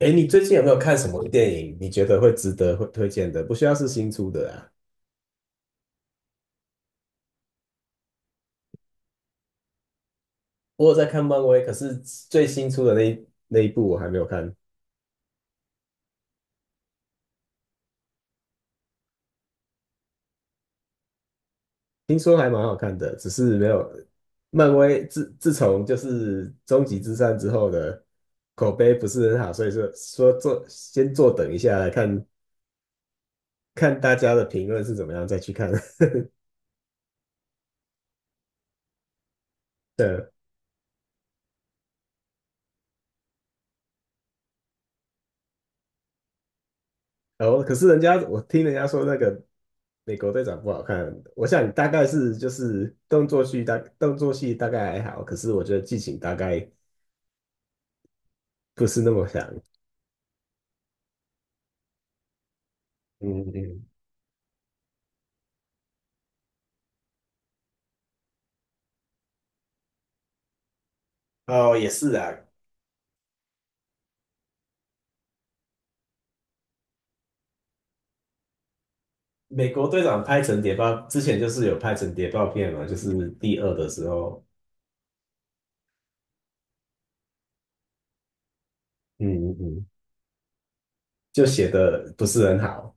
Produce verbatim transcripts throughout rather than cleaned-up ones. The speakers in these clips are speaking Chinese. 哎，你最近有没有看什么电影？你觉得会值得会推荐的？不需要是新出的啊。我有在看漫威，可是最新出的那一那一部我还没有看，听说还蛮好看的，只是没有。漫威自自从就是终极之战之后的口碑不是很好，所以说说坐先坐等一下来看看大家的评论是怎么样，再去看。哦，可是人家我听人家说那个美国队长不好看，我想大概是就是动作戏大动作戏大概还好，可是我觉得剧情大概不是那么想。嗯嗯。哦，也是啊，美国队长拍成谍报，之前就是有拍成谍报片嘛，就是第二的时候，嗯嗯嗯，就写的不是很好。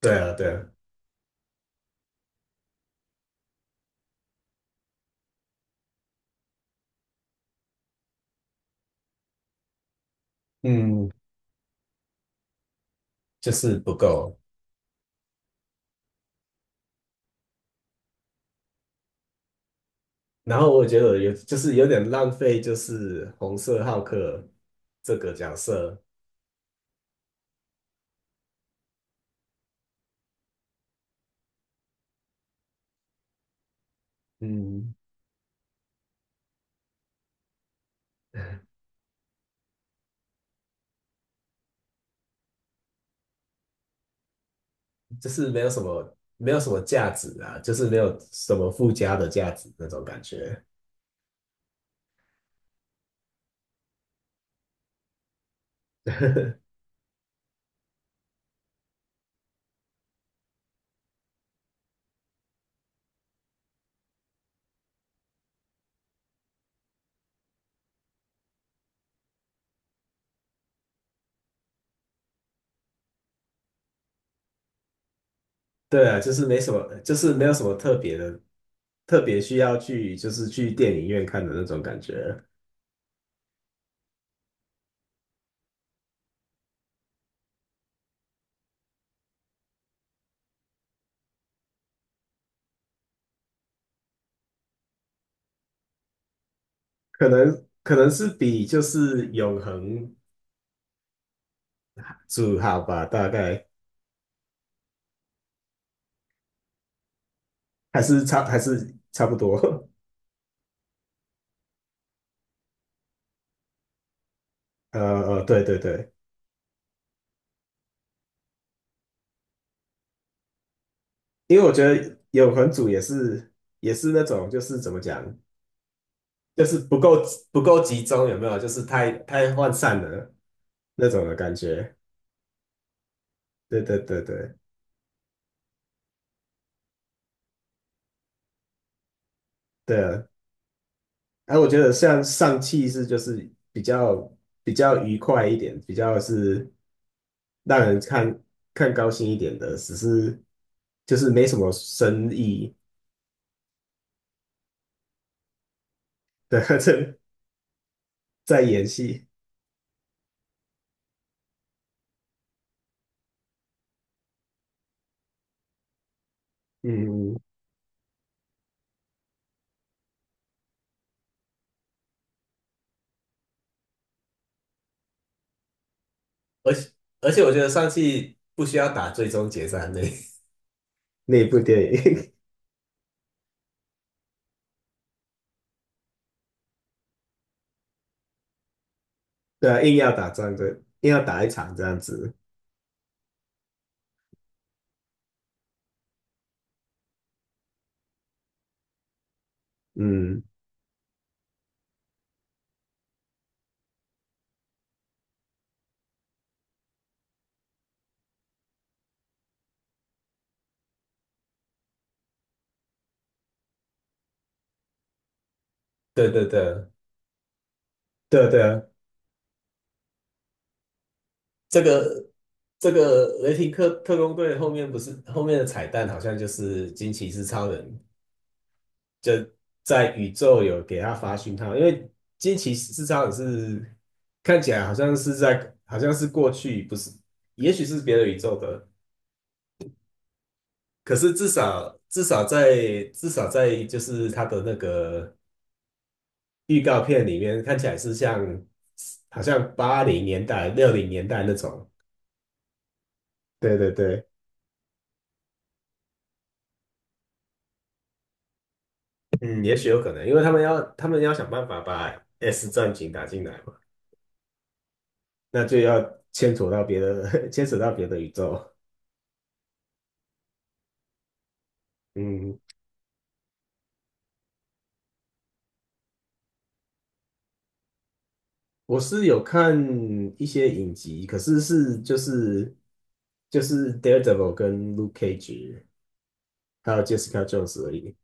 对啊，对啊，嗯，就是不够。然后我觉得有就是有点浪费，就是红色浩克这个角色。嗯，就是没有什么没有什么价值啊，就是没有什么附加的价值那种感觉。对啊，就是没什么，就是没有什么特别的，特别需要去就是去电影院看的那种感觉，可能可能是比就是永恒主好吧，大概还是差还是差不多。呃呃，对对对，因为我觉得永恒主也是也是那种就是怎么讲。就是不够不够集中，有没有？就是太太涣散了那种的感觉。对对对对对啊！哎，我觉得像上汽是就是比较比较愉快一点，比较是让人看看高兴一点的，只是就是没什么深意对，在在演戏。嗯，而且而且我觉得上汽不需要打最终决战那那一部电影，对啊，硬要打仗，对，硬要打一场这样子。嗯。对对对，对对，这个这个雷霆特特工队后面不是后面的彩蛋，好像就是惊奇四超人就在宇宙有给他发讯号，因为惊奇四超人是看起来好像是在好像是过去，不是，也许是别的宇宙的，可是至少至少在至少在就是他的那个预告片里面看起来是像好像八零年代六零年代那种，对对对。嗯，也许有可能，因为他们要他们要想办法把 S 战警打进来嘛，那就要牵扯到别的 牵扯到别的宇宙。嗯，我是有看一些影集，可是是就是就是 Daredevil 跟 Luke Cage 还有 Jessica Jones 而已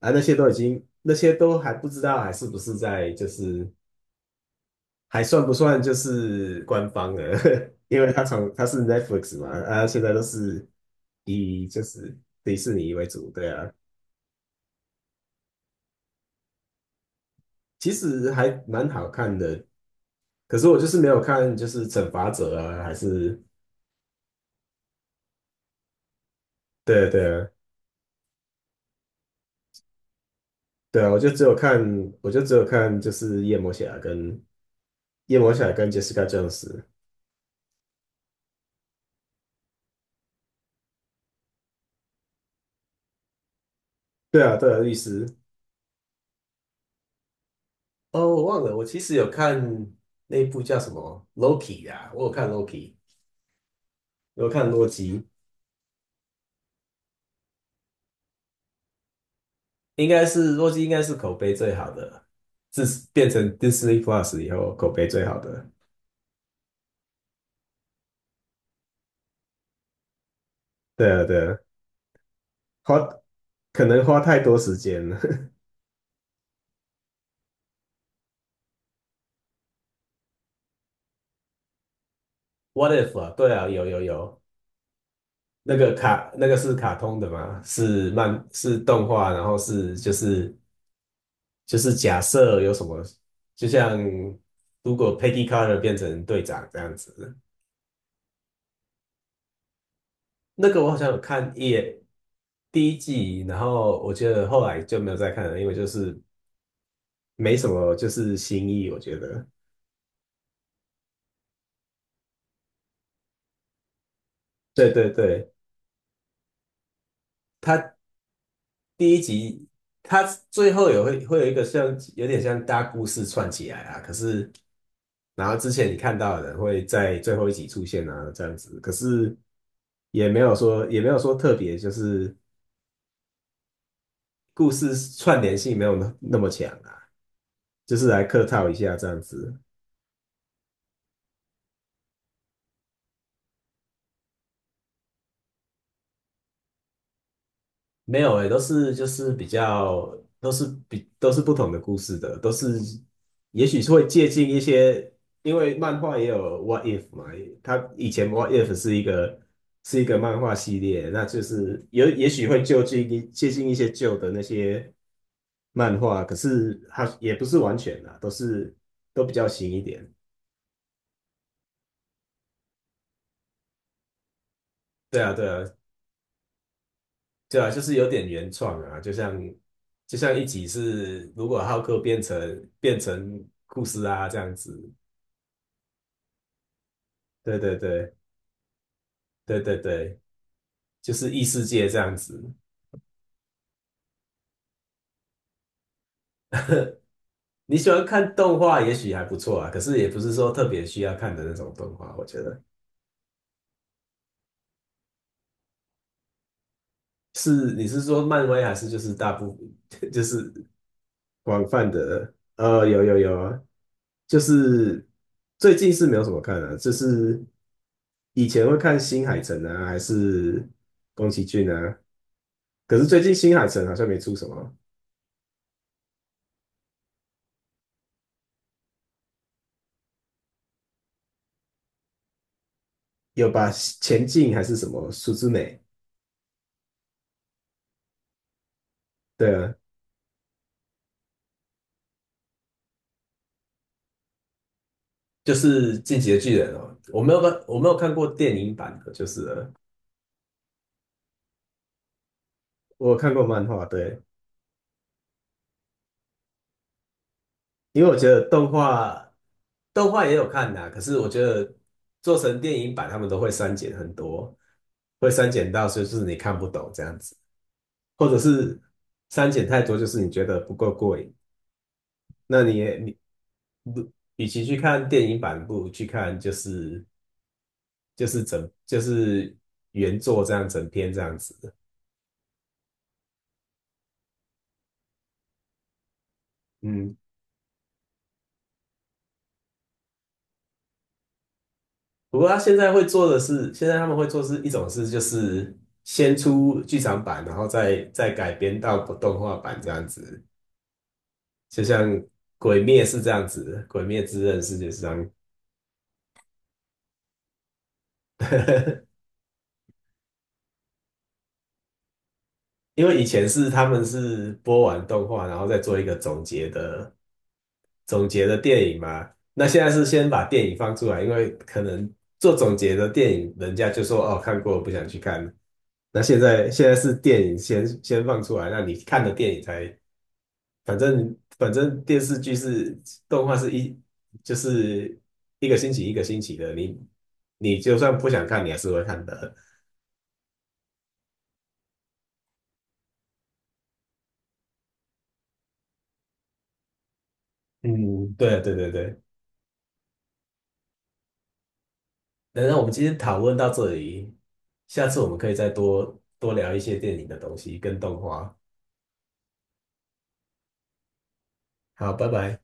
啊，那些都已经那些都还不知道还是不是在就是还算不算就是官方的？因为它从它是 Netflix 嘛，啊，现在都是以就是迪士尼为主，对啊，其实还蛮好看的。可是我就是没有看，就是惩罚者啊，还是对啊对啊对啊，我就只有看，我就只有看就是夜魔侠跟夜魔侠跟 Jessica Jones，对啊对啊，律师。哦，我忘了，我其实有看那一部叫什么《Loki》啊，我有看《Loki》，我有看《洛基》。应该是洛基，应该是口碑最好的，自变成 Disney Plus 以后口碑最好的。对啊，对啊，花可能花太多时间了。What if 啊？对啊，有有有，那个卡那个是卡通的嘛？是漫是动画，然后是就是就是假设有什么，就像如果 Peggy Carter 变成队长这样子，那个我好像有看一眼第一季，然后我觉得后来就没有再看了，因为就是没什么就是新意，我觉得。对对对，他第一集，他最后也会会有一个像有点像大故事串起来啊，可是然后之前你看到的人会在最后一集出现啊，这样子，可是也没有说也没有说特别，就是故事串联性没有那那么强啊，就是来客套一下这样子。没有诶，都是就是比较都是比都是不同的故事的，都是也许是会借鉴一些，因为漫画也有 What If 嘛，它以前 What If 是一个是一个漫画系列，那就是有也许会就近一接近一些旧的那些漫画，可是它也不是完全啊，都是都比较新一点。对啊，对啊，对啊，就是有点原创啊，就像就像一集是如果浩克变成变成库斯啊这样子，对对对对对对，就是异世界这样子。你喜欢看动画，也许还不错啊，可是也不是说特别需要看的那种动画，我觉得是你是说漫威还是就是大部 就是广泛的，呃，有有有啊，就是最近是没有什么看的、就是以前会看新海诚啊，还是宫崎骏啊，可是最近新海诚好像没出什么，有把前进还是什么数之美，对啊，就是《进击的巨人》哦，我没有看，我没有看过电影版的，就是了我有看过漫画，对，因为我觉得动画动画也有看呐、可是我觉得做成电影版，他们都会删减很多，会删减到就是你看不懂这样子，或者是删减太多，就是你觉得不够过瘾。那你也你不，与其去看电影版，不如去看就是就是整就是原作这样整篇这样子。嗯，不过他现在会做的是，现在他们会做是一种事，就是先出剧场版，然后再再改编到动画版这样子，就像《鬼灭》是这样子，《鬼灭之刃》是就是这样，因为以前是他们是播完动画，然后再做一个总结的总结的电影嘛。那现在是先把电影放出来，因为可能做总结的电影，人家就说哦看过不想去看。那现在现在是电影先先放出来，那你看的电影才，反正反正电视剧是动画是一就是一个星期一个星期的，你你就算不想看，你还是会看的。嗯，对对对对，那那我们今天讨论到这里，下次我们可以再多多聊一些电影的东西跟动画。好，拜拜。